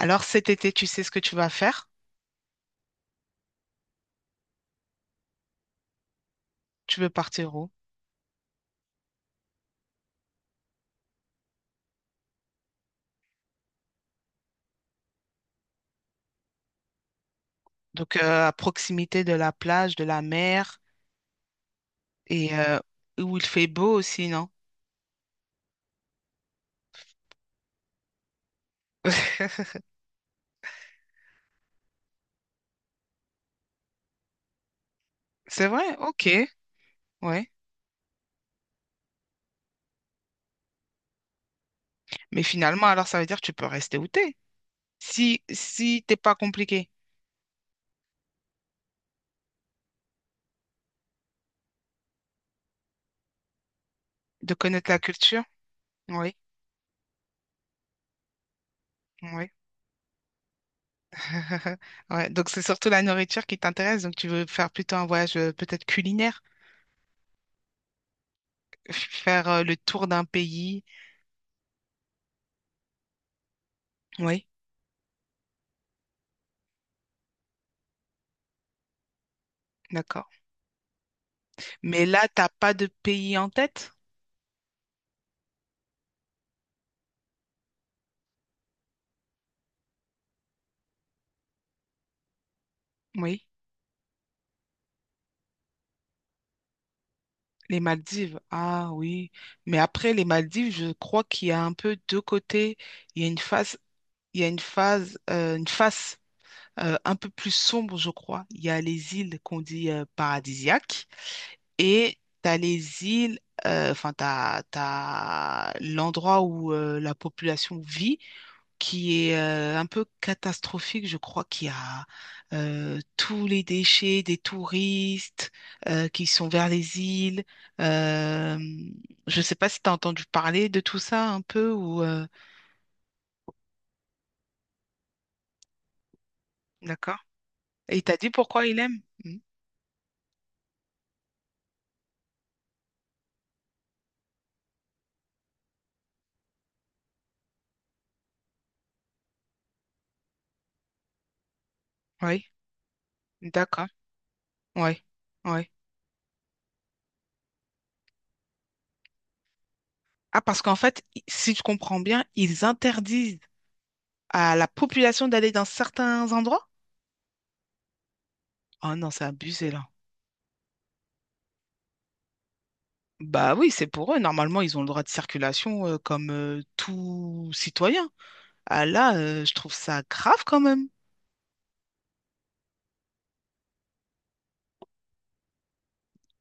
Alors cet été, tu sais ce que tu vas faire? Tu veux partir où? Donc à proximité de la plage, de la mer et où il fait beau aussi, non? C'est vrai, ok, ouais. Mais finalement, alors ça veut dire que tu peux rester où t'es. Si t'es pas compliqué de connaître la culture, oui, oui. Ouais, donc c'est surtout la nourriture qui t'intéresse. Donc tu veux faire plutôt un voyage peut-être culinaire, faire le tour d'un pays. Oui, d'accord. Mais là, t'as pas de pays en tête? Oui. Les Maldives, ah oui. Mais après les Maldives, je crois qu'il y a un peu deux côtés. Il y a une phase, il y a une phase, une face un peu plus sombre, je crois. Il y a les îles qu'on dit paradisiaques et tu as les îles, enfin, tu as, l'endroit où la population vit qui est un peu catastrophique, je crois qu'il y a tous les déchets des touristes qui sont vers les îles. Euh, je ne sais pas si tu as entendu parler de tout ça un peu ou D'accord. Et il t'a dit pourquoi il aime? Mm. Oui, d'accord. Oui, oui. Ah, parce qu'en fait, si je comprends bien, ils interdisent à la population d'aller dans certains endroits? Oh non, c'est abusé là. Bah oui, c'est pour eux. Normalement, ils ont le droit de circulation comme tout citoyen. Ah là, je trouve ça grave quand même.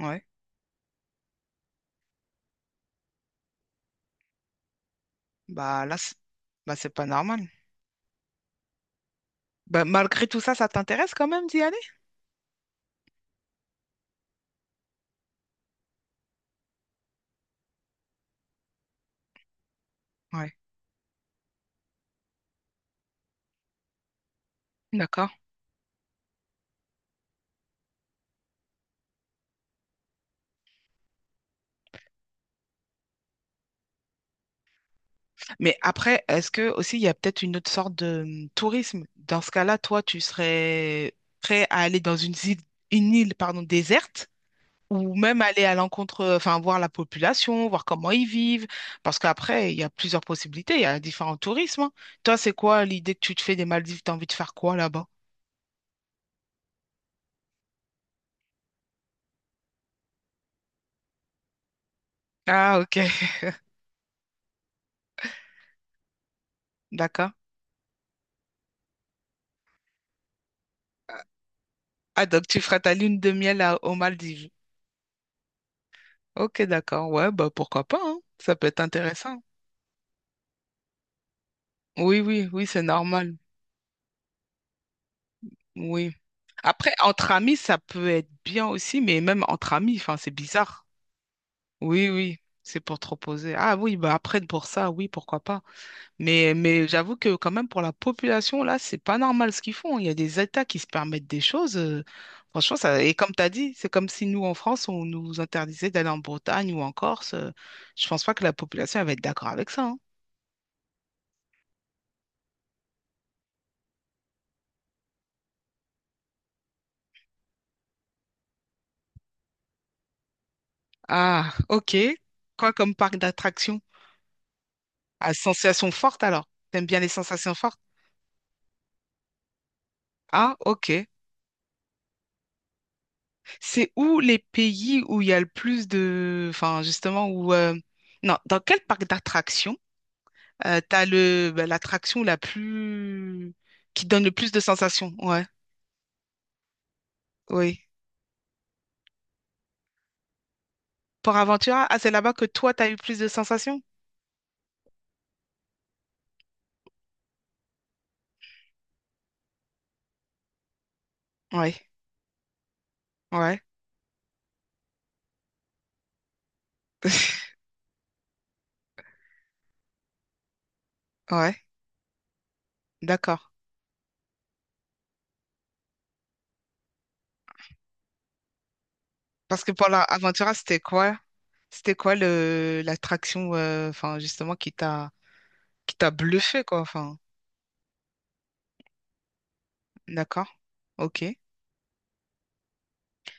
Ouais. Bah là, c'est bah, c'est pas normal. Bah, malgré tout ça, ça t'intéresse quand même d'y aller? Ouais. D'accord. Mais après, est-ce que aussi il y a peut-être une autre sorte de tourisme? Dans ce cas-là, toi, tu serais prêt à aller dans une île, pardon, déserte ou même aller à l'encontre, enfin, voir la population, voir comment ils vivent, parce qu'après, il y a plusieurs possibilités, il y a différents tourismes, hein. Toi, c'est quoi l'idée que tu te fais des Maldives? T'as envie de faire quoi là-bas? Ah, ok, d'accord. Ah, donc tu feras ta lune de miel aux Maldives. Ok, d'accord. Ouais, bah pourquoi pas, hein. Ça peut être intéressant. Oui, oui, oui, c'est normal. Oui. Après, entre amis, ça peut être bien aussi, mais même entre amis, enfin, c'est bizarre. Oui, oui, c'est pour te reposer. Ah oui, bah après, pour ça, oui, pourquoi pas. Mais j'avoue que quand même pour la population, là, c'est pas normal ce qu'ils font. Il y a des États qui se permettent des choses. Franchement, ça, et comme tu as dit, c'est comme si nous, en France, on nous interdisait d'aller en Bretagne ou en Corse. Je pense pas que la population elle va être d'accord avec ça, hein. Ah, ok. Quoi comme parc d'attractions? À sensations fortes alors. T'aimes bien les sensations fortes? Ah, ok. C'est où les pays où il y a le plus de, enfin, justement, où, non, dans quel parc d'attractions t'as le, bah, l'attraction la plus, qui donne le plus de sensations. Ouais, oui. Port Aventura, ah, c'est là-bas que toi, t'as eu plus de sensations? Ouais, ouais, ouais, d'accord. Parce que Port Aventura, c'était quoi? C'était quoi le l'attraction, enfin, justement, qui t'a bluffé, quoi, enfin, d'accord, ok.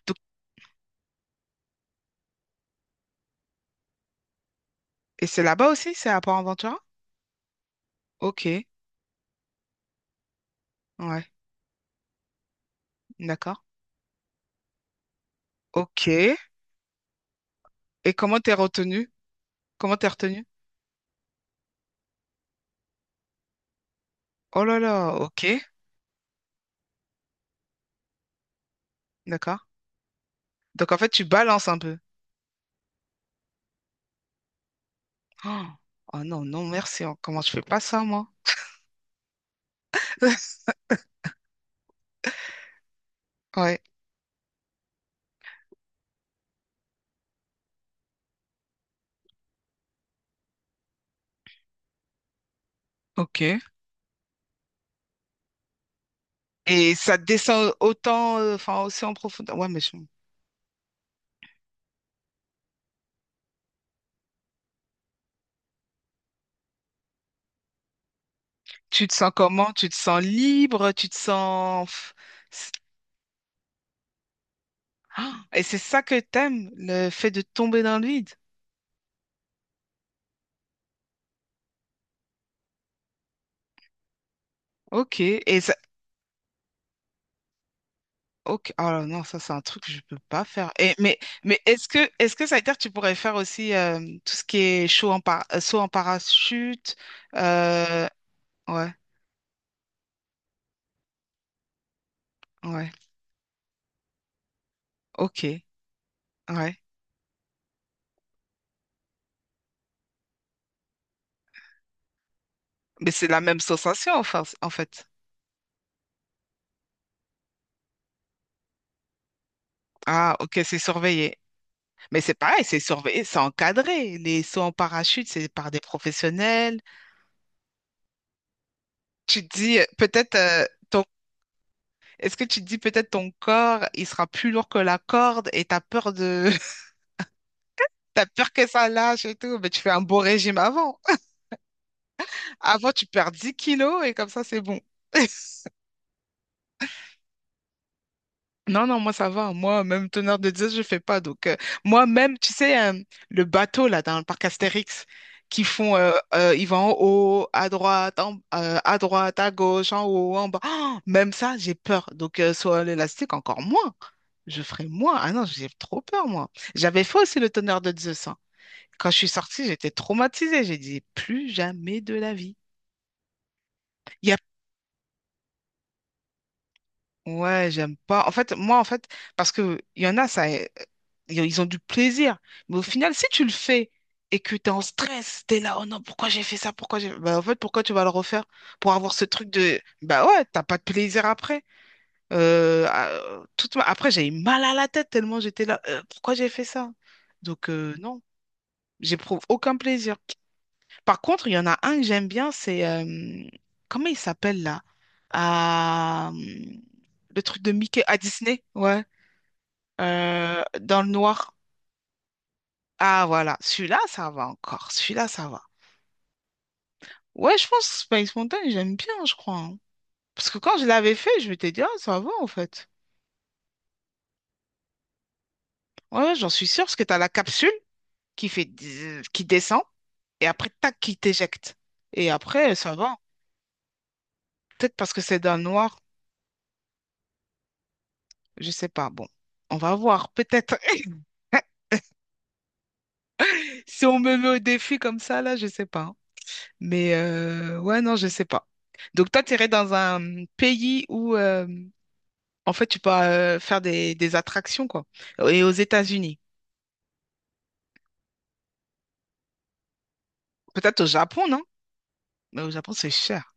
Donc, et c'est là-bas aussi, c'est à Port Aventura? Ok, ouais, d'accord. Ok. Et comment t'es retenu? Comment t'es retenu? Oh là là, ok, d'accord. Donc en fait, tu balances un peu. Oh, oh non, non, merci. Oh, comment je fais pas ça, moi? Ouais, ok. Et ça descend autant, enfin aussi en profondeur. Ouais, mais tu te sens comment? Tu te sens libre? Tu te sens, pff, c'est- ah, et c'est ça que t'aimes, le fait de tomber dans le vide. Ok. Et ça. Ok. Oh non, ça c'est un truc que je peux pas faire. Mais est-ce que ça veut dire que tu pourrais faire aussi tout ce qui est chaud en saut en parachute? euh, Ouais, ouais. Ok. Ouais. Mais c'est la même sensation, enfin, en fait. Ah, ok, c'est surveillé. Mais c'est pareil, c'est surveillé, c'est encadré. Les sauts en parachute, c'est par des professionnels. Tu te dis, peut-être, ton, est-ce que tu te dis, peut-être ton corps, il sera plus lourd que la corde et t'as peur de, t'as peur que ça lâche et tout. Mais tu fais un beau régime avant. Avant, tu perds 10 kilos et comme ça, c'est bon. Non, non, moi ça va. Moi, même teneur de 10, je fais pas. Donc, moi-même, tu sais, le bateau là dans le parc Astérix, qui font, ils vont en haut, à droite, à droite, à gauche, en haut, en bas. Ah, même ça, j'ai peur. Donc, sur l'élastique, encore moins. Je ferai moins. Ah non, j'ai trop peur, moi. J'avais fait aussi le teneur de Zeus, hein. Quand je suis sortie, j'étais traumatisée. J'ai dit, plus jamais de la vie. Ouais, j'aime pas. En fait, moi, en fait, parce que il y en a, ça, ils ont du plaisir. Mais au final, si tu le fais et que tu es en stress, tu es là, oh non, pourquoi j'ai fait ça? Pourquoi j'ai. Bah, en fait, pourquoi tu vas le refaire? Pour avoir ce truc de. Bah ouais, t'as pas de plaisir après. Ah, après, j'ai eu mal à la tête tellement j'étais là, pourquoi j'ai fait ça? Donc, non, j'éprouve aucun plaisir. Par contre, il y en a un que j'aime bien, c'est, comment il s'appelle là? Ah, le truc de Mickey à Disney, ouais. Dans le noir. Ah voilà, celui-là, ça va encore. Celui-là, ça va. Ouais, je pense que Space Mountain, j'aime bien, je crois, hein. Parce que quand je l'avais fait, je m'étais dit, ah, ça va en fait. Ouais, ouais, j'en suis sûre, parce que t'as la capsule qui fait, dzz qui descend, et après, tac, qui t'éjecte. Et après, ça va. Peut-être parce que c'est dans le noir, je sais pas. Bon, on va voir, peut-être. Si on me met au défi comme ça, là, je sais pas. Mais ouais, non, je sais pas. Donc toi, tu irais dans un pays où, en fait, tu peux faire des attractions, quoi. Et aux États-Unis. Peut-être au Japon, non? Mais au Japon, c'est cher.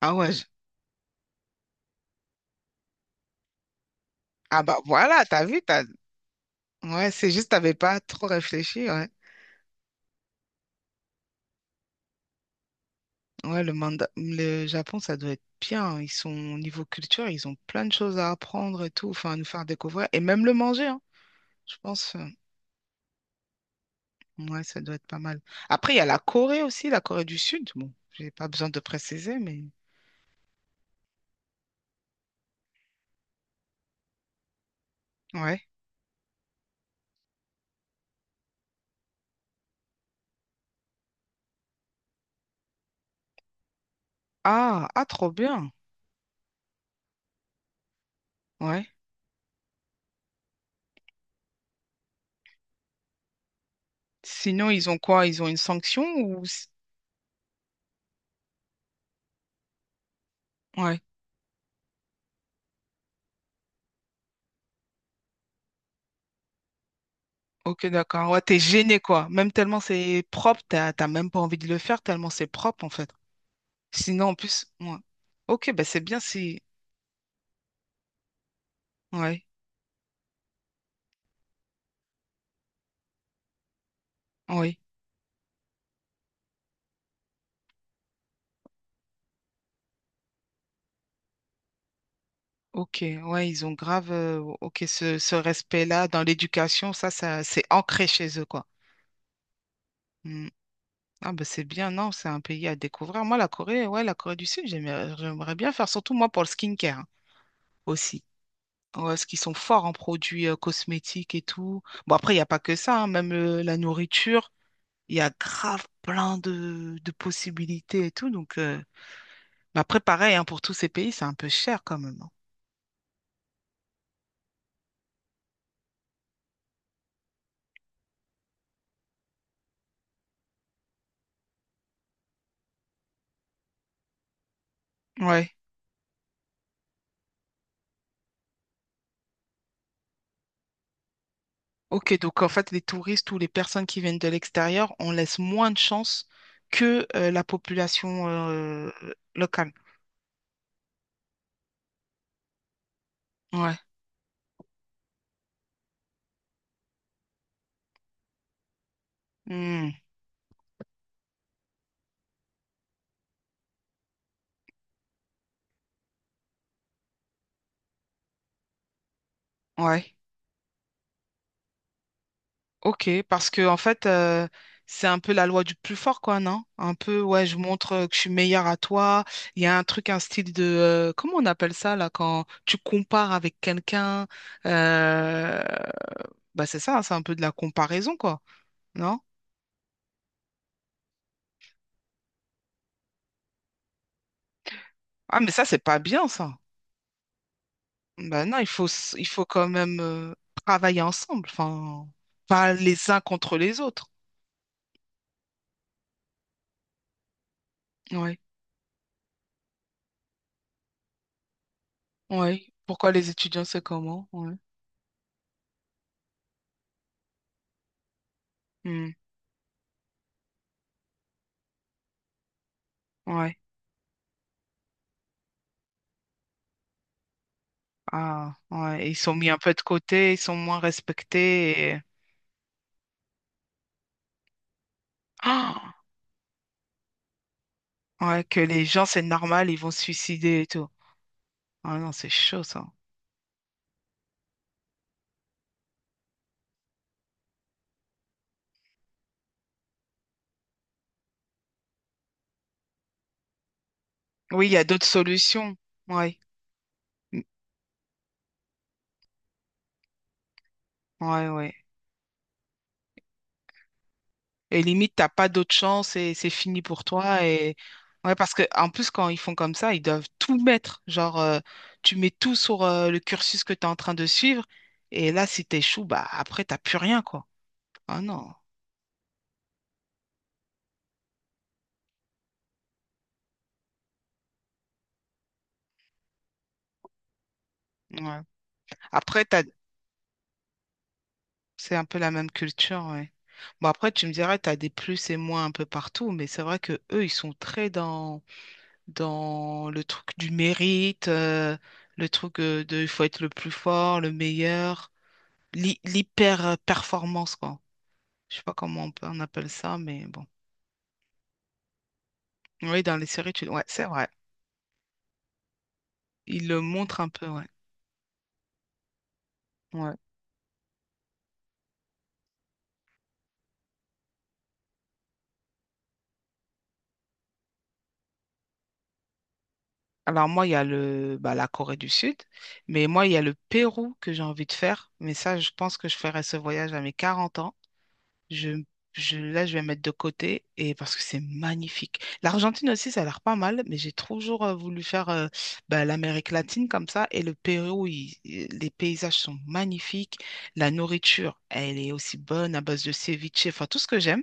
Ah ouais. Ah bah voilà, t'as vu, t'as. Ouais, c'est juste, t'avais pas trop réfléchi, ouais. Ouais, le Japon, ça doit être bien. Ils sont, au niveau culture, ils ont plein de choses à apprendre et tout, enfin, à nous faire découvrir. Et même le manger, hein, je pense. Ouais, ça doit être pas mal. Après, il y a la Corée aussi, la Corée du Sud. Bon, j'ai pas besoin de préciser, mais ouais. Ah, ah, trop bien. Ouais. Sinon, ils ont quoi? Ils ont une sanction ouais. Ok, d'accord. Ouais, t'es gêné, quoi. Même tellement c'est propre, t'as même pas envie de le faire, tellement c'est propre, en fait. Sinon, en plus, ouais. Ok, bah c'est bien si. Ouais, oui. Ok, ouais, ils ont grave. Ok, ce respect-là dans l'éducation, ça, c'est ancré chez eux, quoi. Hmm. Ah bah c'est bien, non, c'est un pays à découvrir. Moi, la Corée, ouais, la Corée du Sud, j'aimerais bien faire, surtout moi pour le skincare hein, aussi. Ouais, parce qu'ils sont forts en produits cosmétiques et tout. Bon, après, il n'y a pas que ça, hein, même la nourriture, il y a grave plein de possibilités et tout. Donc, mais après, pareil, hein, pour tous ces pays, c'est un peu cher quand même, hein. Ouais. Ok, donc en fait, les touristes ou les personnes qui viennent de l'extérieur, on laisse moins de chance que la population locale. Ouais. Hmm. Ouais. Ok, parce que en fait, c'est un peu la loi du plus fort, quoi, non? Un peu, ouais, je montre que je suis meilleure à toi. Il y a un truc, un style de, comment on appelle ça, là, quand tu compares avec quelqu'un, euh, bah c'est ça, hein, c'est un peu de la comparaison, quoi, non? Ah, mais ça, c'est pas bien, ça. Bah non, il faut, il faut quand même travailler ensemble, enfin, pas les uns contre les autres. Ouais, ouais. Pourquoi les étudiants, c'est comment? Ouais. Hmm, ouais. Ah, ouais, ils sont mis un peu de côté, ils sont moins respectés. Ah, ouais, que les gens, c'est normal, ils vont se suicider et tout. Ah non, c'est chaud ça. Oui, il y a d'autres solutions. Ouais, mm, ouais, ouais. Et limite, t'as pas d'autre chance et c'est fini pour toi. Et ouais, parce que en plus, quand ils font comme ça, ils doivent tout mettre. Genre, tu mets tout sur le cursus que tu es en train de suivre. Et là, si t'échoues, bah après, t'as plus rien, quoi. Ah non. Ouais. Après, tu c'est un peu la même culture, ouais. Bon, après, tu me diras, tu as des plus et moins un peu partout, mais c'est vrai que eux, ils sont très dans le truc du mérite, le truc de il faut être le plus fort, le meilleur, l'hyper-performance, quoi. Je sais pas comment on appelle ça, mais bon. Oui, dans les séries, tu, ouais, c'est vrai. Ils le montrent un peu, ouais. Ouais. Alors moi, il y a bah, la Corée du Sud, mais moi, il y a le Pérou que j'ai envie de faire, mais ça, je pense que je ferai ce voyage à mes 40 ans. Je, je là, je vais mettre de côté et parce que c'est magnifique. L'Argentine aussi, ça a l'air pas mal, mais j'ai toujours voulu faire bah, l'Amérique latine comme ça. Et le Pérou, les paysages sont magnifiques. La nourriture, elle est aussi bonne à base de ceviche, enfin tout ce que j'aime.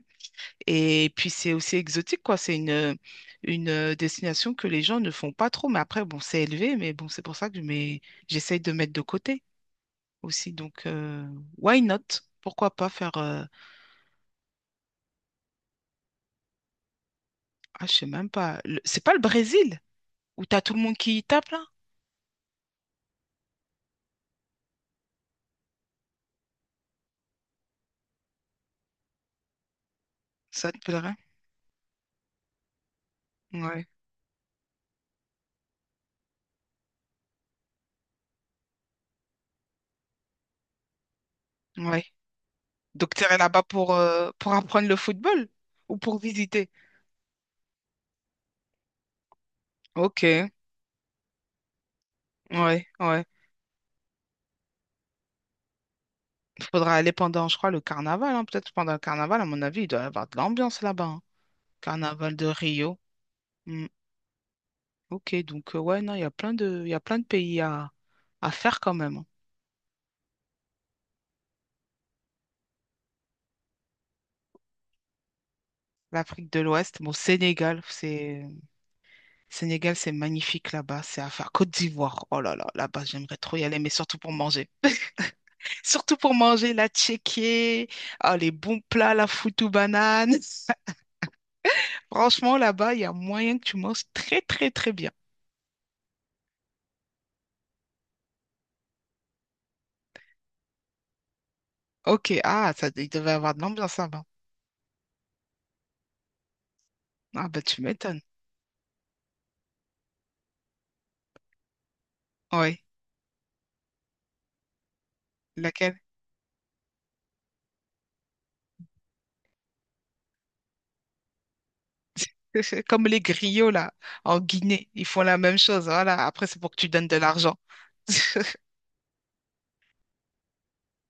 Et puis c'est aussi exotique, quoi. C'est une destination que les gens ne font pas trop. Mais après, bon, c'est élevé, mais bon, c'est pour ça que j'essaye de mettre de côté aussi. Donc, why not? Pourquoi pas faire ah, je sais même pas. C'est pas le Brésil où t'as tout le monde qui y tape là? Ça te plairait? Ouais, ouais. Donc t'irais là-bas pour apprendre le football ou pour visiter? Ok, ouais, ouais. Il faudra aller pendant, je crois, le carnaval, hein. Peut-être pendant le carnaval, à mon avis, il doit y avoir de l'ambiance là-bas, hein. Carnaval de Rio. Hmm. Ok, donc ouais, non, il y a plein de, il y a plein de pays à faire quand même, hein. L'Afrique de l'Ouest, bon, Sénégal, c'est magnifique là-bas, c'est à faire. Côte d'Ivoire, oh là là, là-bas, j'aimerais trop y aller, mais surtout pour manger. Surtout pour manger, la tchéké, ah, les bons plats, la foutou banane. Franchement, là-bas, il y a moyen que tu manges très, très, très bien. Ok, ah, ça, il devait avoir de l'ambiance là-bas. Ah, bah, tu m'étonnes. Oui, laquelle? C'est comme les griots, là, en Guinée, ils font la même chose. Voilà, après, c'est pour que tu donnes de l'argent.